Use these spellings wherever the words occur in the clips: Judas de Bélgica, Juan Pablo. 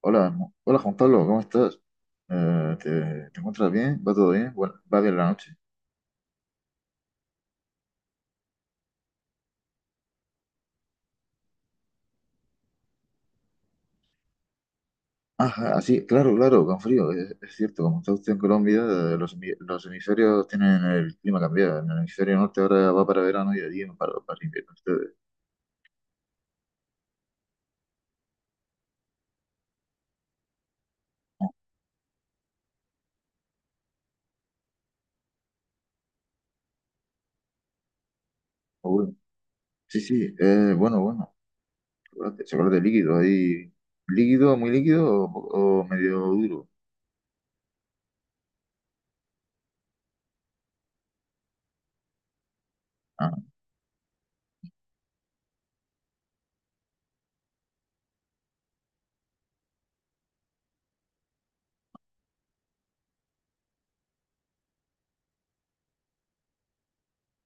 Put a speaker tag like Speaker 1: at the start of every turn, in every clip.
Speaker 1: Hola, hola Juan Pablo, ¿cómo estás? ¿Te encuentras bien? ¿Va todo bien? Bueno, va bien la noche. Ajá, así, claro, claro, con frío, es cierto. Como está usted en Colombia, los hemisferios tienen el clima cambiado. En el hemisferio norte ahora va para verano y allí para invierno. Ustedes. Oh, oh, bueno. Sí, sí, bueno, bueno. Chocolate, chocolate líquido, ahí. ¿Líquido, muy líquido o medio duro? Ah,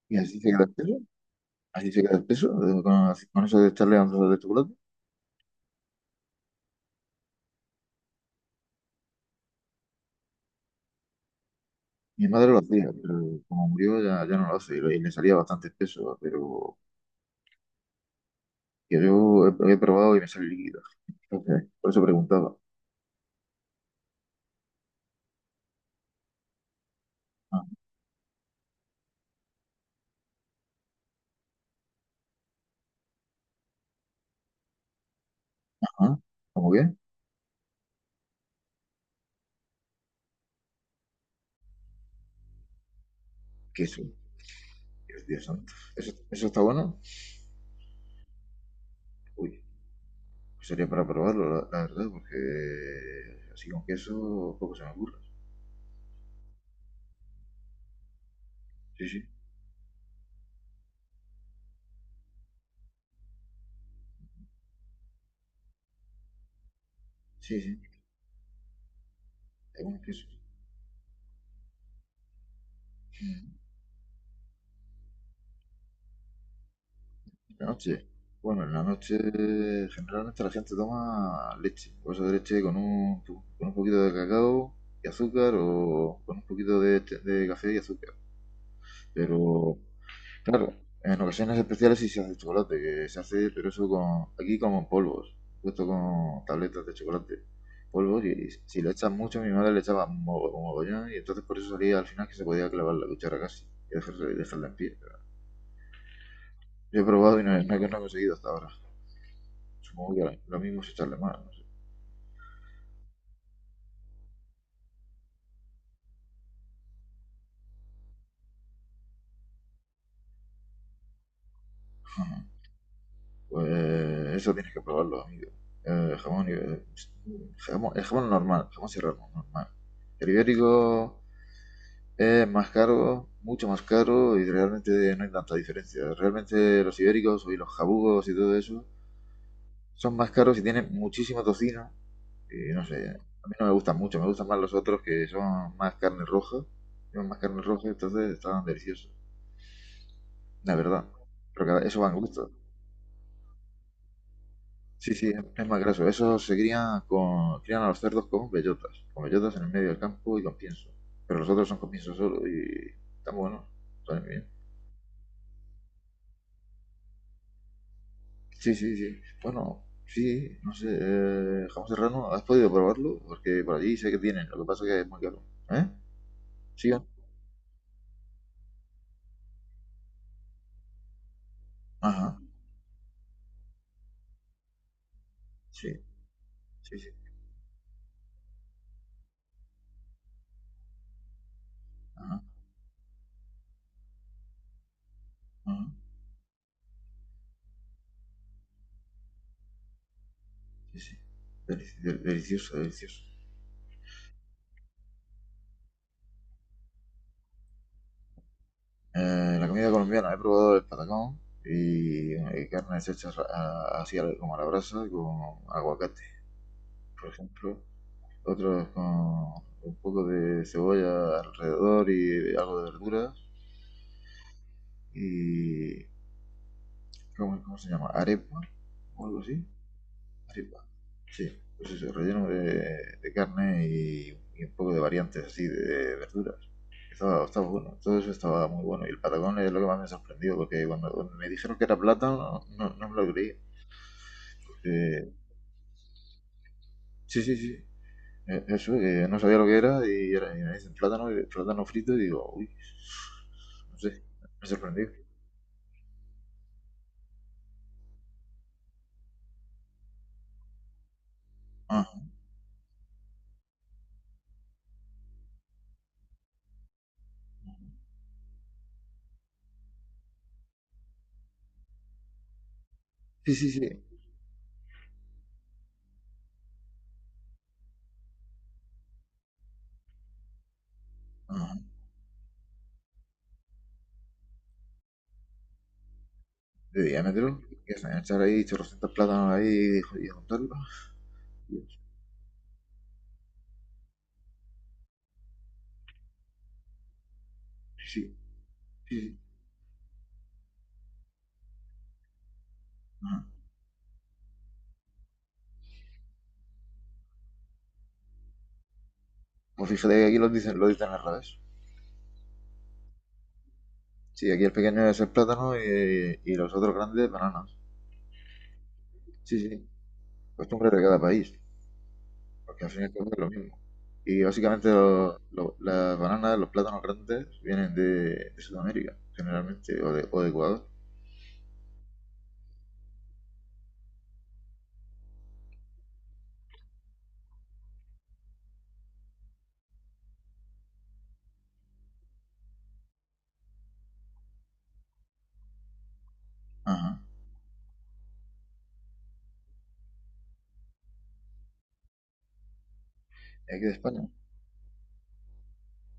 Speaker 1: ¿y así se queda espeso? ¿Así se queda espeso? ¿Con eso de echarle onzas de chocolate? Mi madre lo hacía, pero como murió ya, ya no lo hace y le salía bastante espeso, pero que yo he probado y me sale líquido. Entonces, por eso preguntaba. Ah, ah, ¿cómo qué? Queso. Dios, Dios santo. ¿Eso, eso está bueno? Uy, pues sería para probarlo, la verdad, porque así con queso poco se me ocurre. Sí, sí, sí, sí, hay buenos quesos. La noche. Bueno, en la noche generalmente la gente toma leche, bolsa de leche con un, con un poquito de cacao y azúcar o con un poquito de, de café y azúcar. Pero claro, en ocasiones especiales sí se hace chocolate, que se hace, pero eso con, aquí como en polvos, puesto con tabletas de chocolate, polvos y si le echas mucho, mi madre le echaba un un mogollón y entonces por eso salía al final que se podía clavar la cuchara casi y dejarla, dejarla en pie. Pero yo he probado y no, no he conseguido hasta ahora. Supongo que lo mismo es echarle más. No sé. Pues eso tienes que probarlo, amigo. Jamón, el jamón normal, jamón serrano, normal. El ibérico es más caro, mucho más caro y realmente no hay tanta diferencia. Realmente los ibéricos y los jabugos y todo eso son más caros y tienen muchísimo tocino. Y no sé, a mí no me gustan mucho, me gustan más los otros que son más carne roja. Tienen más carne roja, entonces estaban deliciosos, la verdad. Pero eso va en gusto. Sí, sí, es más graso. Esos se crían, con, crían a los cerdos con bellotas en el medio del campo y con pienso. Pero los otros son con pienso solo y están buenos, están bien. Sí, sí, sí. Bueno, sí, no sé, jamón serrano, ¿has podido probarlo? Porque por allí sé que tienen, lo que pasa es que es muy caro. ¿Eh? ¿Sigan? Ajá, sí, sí, sí, ajá, ajá, sí, sí. Delicioso, delicioso. La comida colombiana, he probado el patacón y carnes hechas así como a la brasa, con aguacate, por ejemplo. Otros con un poco de cebolla alrededor y algo de verduras. Y, cómo se llama? Arepa o algo así. Arepa. Sí, pues eso, relleno de carne y un poco de variantes así de verduras. Estaba, estaba bueno, todo eso estaba muy bueno. Y el patagón es lo que más me sorprendió, porque cuando me dijeron que era plátano, no, no me lo creí. Porque- sí, sí, sí. Eso, que no sabía lo que era y, era, y me dicen plátano, plátano frito y digo, uy, no sé, me sorprendió. Ah, sí, sí, sí. Ajá. De diámetro, y hasta echar ahí chorrocientos plátanos ahí y, y juntarlo. Y yo, sí, sí, sí. Ajá. Pues fíjate que aquí lo dicen al revés. Sí, aquí el pequeño es el plátano y los otros grandes bananas. Sí, sí. Costumbres de cada país, porque al fin y al cabo es lo mismo. Y básicamente las bananas, los plátanos grandes vienen de Sudamérica, generalmente, o de Ecuador. Ajá. Y aquí de España.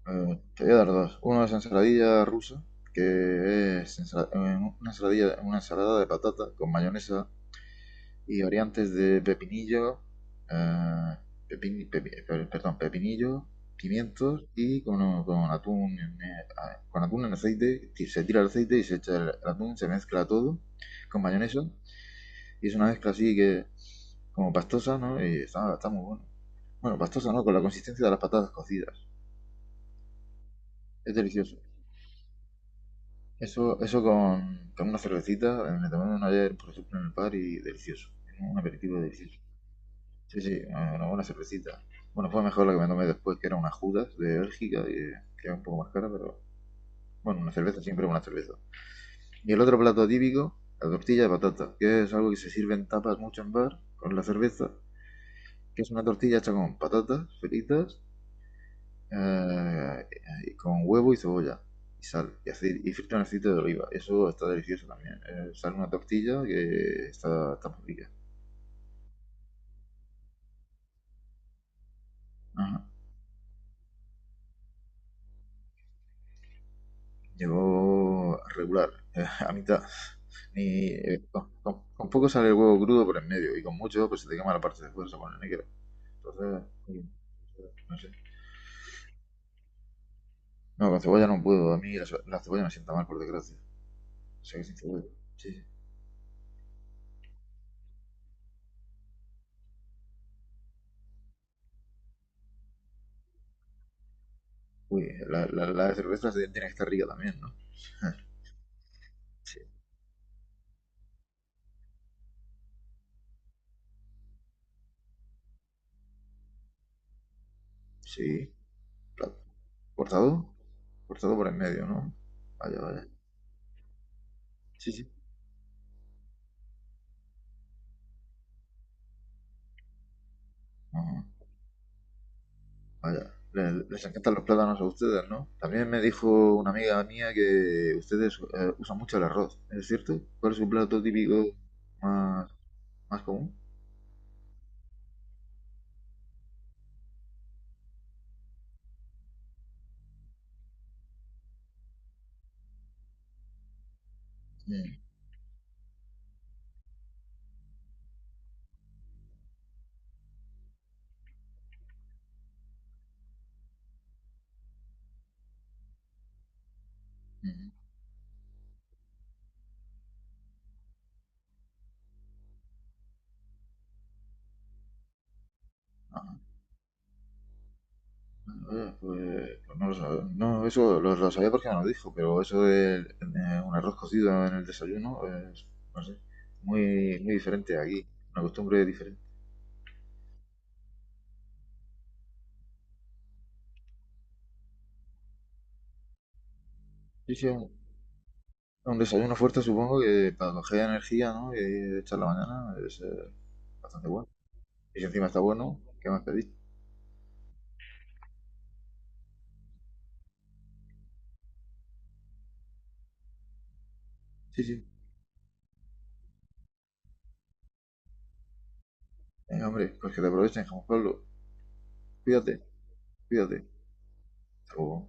Speaker 1: Te voy a dar dos. Uno es ensaladilla rusa, que es una ensaladilla, una ensalada de patata con mayonesa, y variantes de pepinillo, eh, pepin- pepi- perdón, pepinillo, pimientos y con atún, con atún en aceite, se tira el aceite y se echa el, atún, se mezcla todo con mayonesa y es una mezcla así que como pastosa, ¿no? Y está, está muy bueno. Bueno, pastosa, ¿no? Con la consistencia de las patatas cocidas. Es delicioso. Eso con una cervecita, me tomaron ayer, por ejemplo, en el bar y delicioso. Un aperitivo delicioso. Sí, sí, una buena cervecita. Bueno, fue mejor la que me tomé después, que era una Judas de Bélgica, que era un poco más cara, pero bueno, una cerveza siempre es una cerveza. Y el otro plato típico, la tortilla de patata, que es algo que se sirve en tapas mucho en bar con la cerveza, que es una tortilla hecha con patatas fritas, eh, y con huevo y cebolla, y sal, y, aceite, y frita en aceite de oliva. Eso está delicioso también. Sale una tortilla que está, está muy rica. Ajá. Llegó regular, a mitad. Ni, con poco sale el huevo crudo por en medio y con mucho pues se te quema la parte de fuera, se pone negro. Entonces, no sé. No, con cebolla no puedo. A mí la, la cebolla me sienta mal, por desgracia. O sea que sin cebolla. Sí, sí. Uy, la cerveza tiene que estar rica también, ¿no? Sí, sí. Pla- cortado, cortado por en medio, ¿no? Vaya, vaya. Sí, sí. Ajá. Vaya, les encantan los plátanos a ustedes, ¿no? También me dijo una amiga mía que ustedes usan mucho el arroz, ¿es cierto? ¿Cuál es su plato típico más, más común? Mm, mm. Ah, pues, pues no lo sabía. No, eso lo sabía porque me lo dijo, pero eso de un arroz cocido en el desayuno es, no sé, muy diferente aquí, una costumbre diferente. Sí, sí, un desayuno fuerte supongo que para coger energía, ¿no? Y echar la mañana es bastante bueno. Y si encima está bueno, ¿qué más pedís? Sí, sí. Venga, hombre, pues que te aprovechen, Juan Pablo. Cuídate, cuídate. Hasta luego.